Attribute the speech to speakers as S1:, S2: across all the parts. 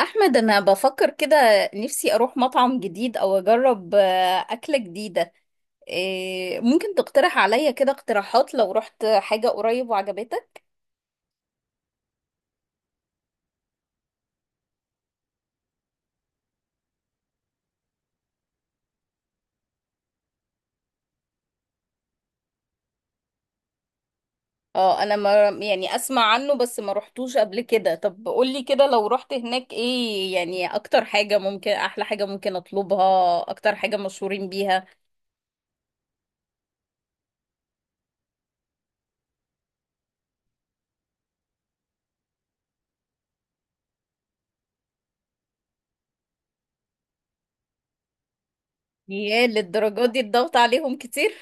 S1: احمد، انا بفكر كده. نفسي اروح مطعم جديد او اجرب اكلة جديدة. ممكن تقترح عليا كده اقتراحات لو رحت حاجة قريب وعجبتك. اه انا ما يعني اسمع عنه بس ما رحتوش قبل كده. طب قولي كده لو رحت هناك ايه يعني اكتر حاجة ممكن، احلى حاجة ممكن اطلبها، اكتر حاجة مشهورين بيها. ياه، للدرجة دي الضغط عليهم كتير؟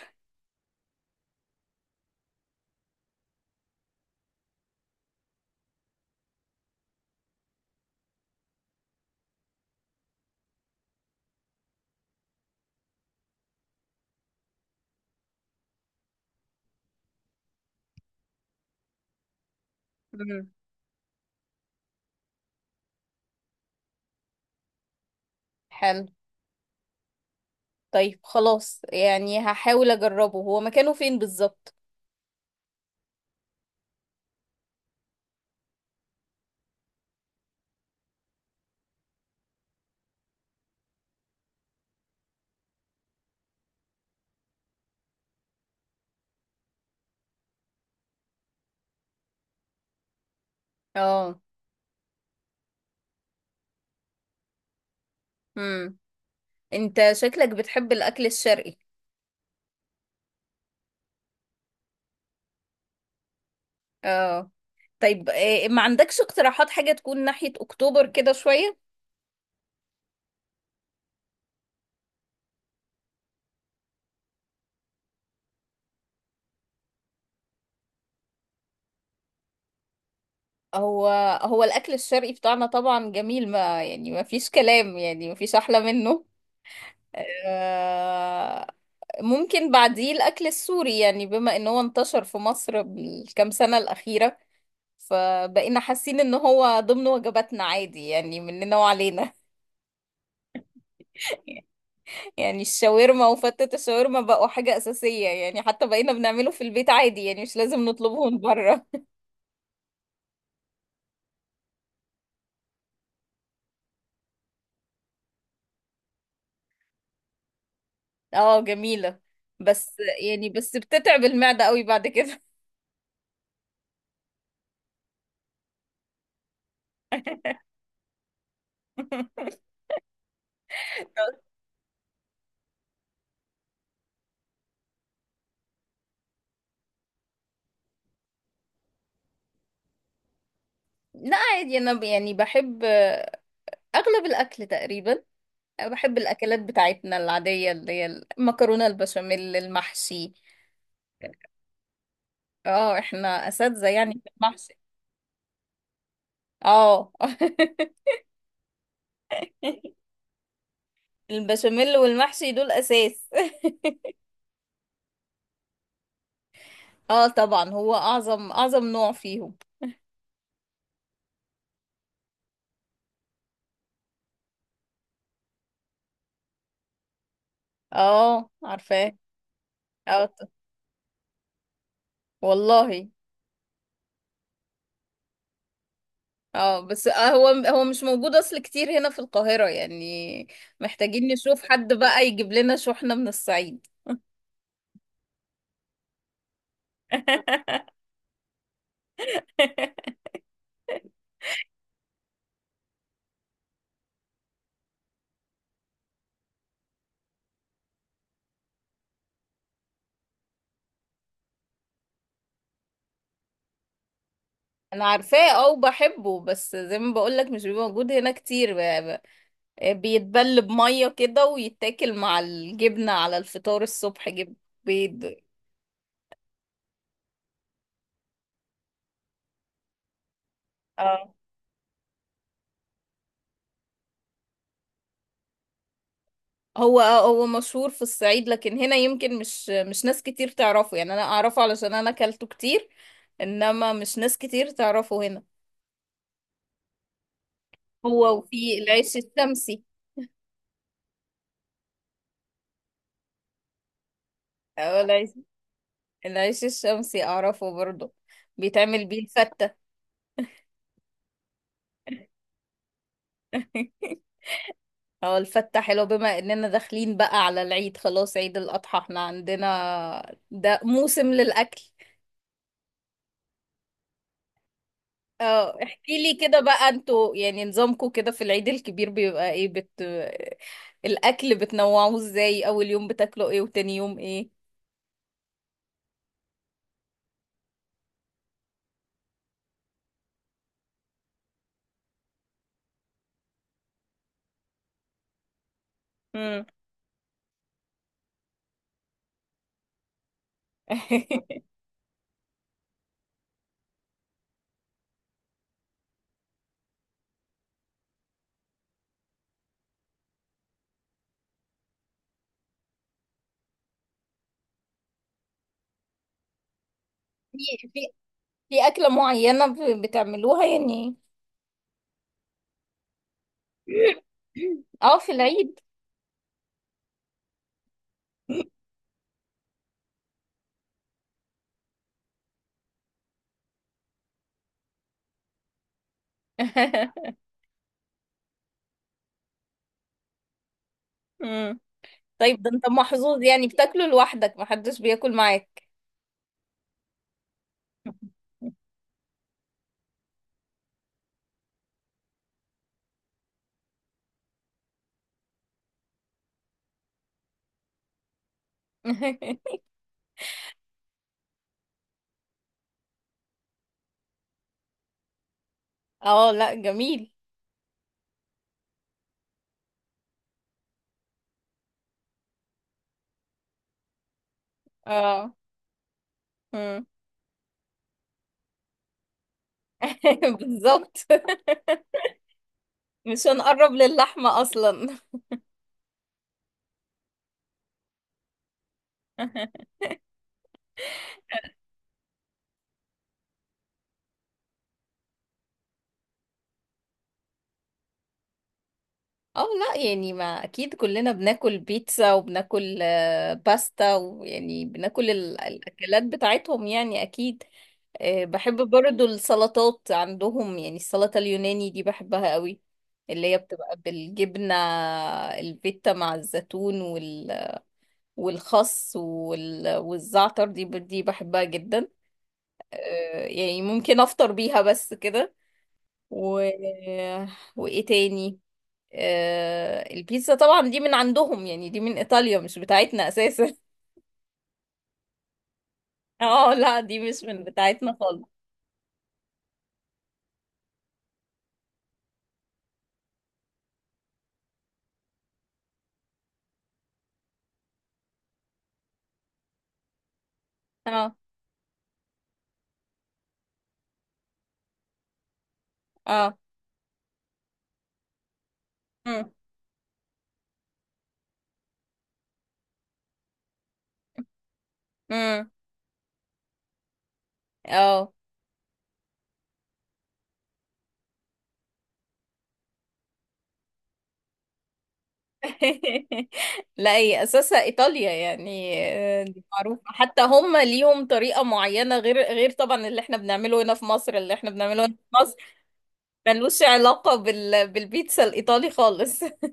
S1: مم. حلو. طيب خلاص يعني هحاول اجربه. هو مكانه فين بالظبط؟ اه. مم. انت شكلك بتحب الاكل الشرقي. اه. طيب، ما عندكش اقتراحات حاجة تكون ناحية اكتوبر كده شوية؟ هو هو الاكل الشرقي بتاعنا طبعا جميل، ما يعني ما فيش كلام، يعني ما فيش احلى منه. آه، ممكن بعديه الاكل السوري، يعني بما ان هو انتشر في مصر بالكام سنة الأخيرة فبقينا حاسين ان هو ضمن وجباتنا عادي، يعني مننا وعلينا. يعني الشاورما وفتة الشاورما بقوا حاجة أساسية، يعني حتى بقينا بنعمله في البيت عادي، يعني مش لازم نطلبه من بره. اه، جميلة. بس يعني بس بتتعب المعدة قوي بعد كده. لا عادي، أنا يعني بحب أغلب الأكل تقريبا. بحب الأكلات بتاعتنا العادية اللي هي المكرونة، البشاميل، المحشي. اه احنا أساتذة يعني في المحشي. اه. البشاميل والمحشي دول أساس. اه طبعا، هو أعظم أعظم نوع فيهم. اه عارفاه. اه ط- والله. اه بس آه، هو مش موجود اصل كتير هنا في القاهرة يعني. محتاجين نشوف حد بقى يجيب لنا شحنة من الصعيد. انا عارفاه، اه وبحبه، بس زي ما بقولك مش بيبقى موجود هنا كتير. بيتبل بمية كده ويتاكل مع الجبنة على الفطار الصبح، جبن، بيض. اه هو مشهور في الصعيد، لكن هنا يمكن مش ناس كتير تعرفه يعني. انا اعرفه علشان انا اكلته كتير، انما مش ناس كتير تعرفه هنا. هو، وفي العيش الشمسي. أو العيش الشمسي اعرفه برضه. بيتعمل بيه الفتة. هو الفتة حلو، بما اننا داخلين بقى على العيد خلاص، عيد الاضحى احنا عندنا ده موسم للاكل. اه احكي لي كده بقى، انتوا يعني نظامكم كده في العيد الكبير بيبقى ايه؟ بت الاكل بتنوعوه ازاي؟ اول يوم بتاكلوا ايه وتاني يوم ايه؟ مم. في في اكلة معينة بتعملوها يعني؟ اه في العيد. مم. طيب، ده انت محظوظ يعني، بتاكله لوحدك محدش بياكل معاك. اه لا جميل. اه. مم. بالظبط. مش هنقرب للحمة اصلا. اه لا يعني، ما اكيد كلنا بناكل بيتزا وبناكل باستا، ويعني بناكل الاكلات بتاعتهم يعني، اكيد. بحب برضو السلطات عندهم، يعني السلطة اليوناني دي بحبها قوي. اللي هي بتبقى بالجبنة الفيتا مع الزيتون والخس والزعتر، دي دي بحبها جدا. يعني ممكن افطر بيها بس كده. و... وايه تاني؟ البيتزا طبعا دي من عندهم، يعني دي من ايطاليا مش بتاعتنا اساسا. اه لا دي مش من بتاعتنا خالص. اه. اه. امم. امم. اه. لا هي اساسا ايطاليا يعني. دي معروفه، حتى هم ليهم طريقه معينه، غير طبعا اللي احنا بنعمله هنا في مصر. اللي احنا بنعمله هنا في مصر ملوش علاقه بالبيتزا الايطالي خالص.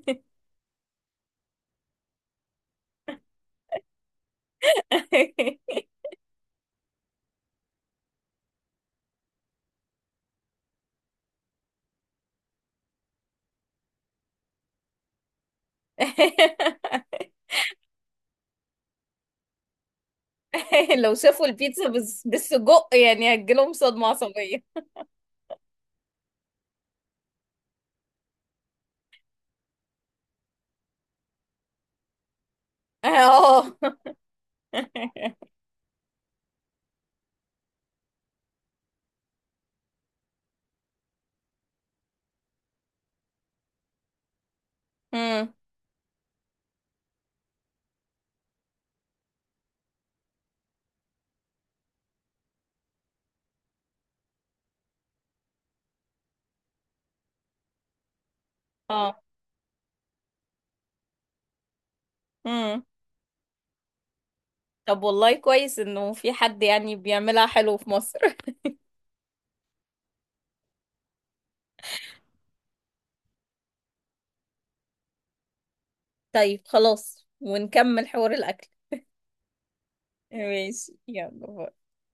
S1: لو شافوا البيتزا بس بالسجق يعني هتجيلهم صدمه عصبيه. اه. امم. اه. امم. طب والله كويس انه في حد يعني بيعملها حلو في مصر. طيب خلاص، ونكمل حوار الاكل. ماشي، يلا باي.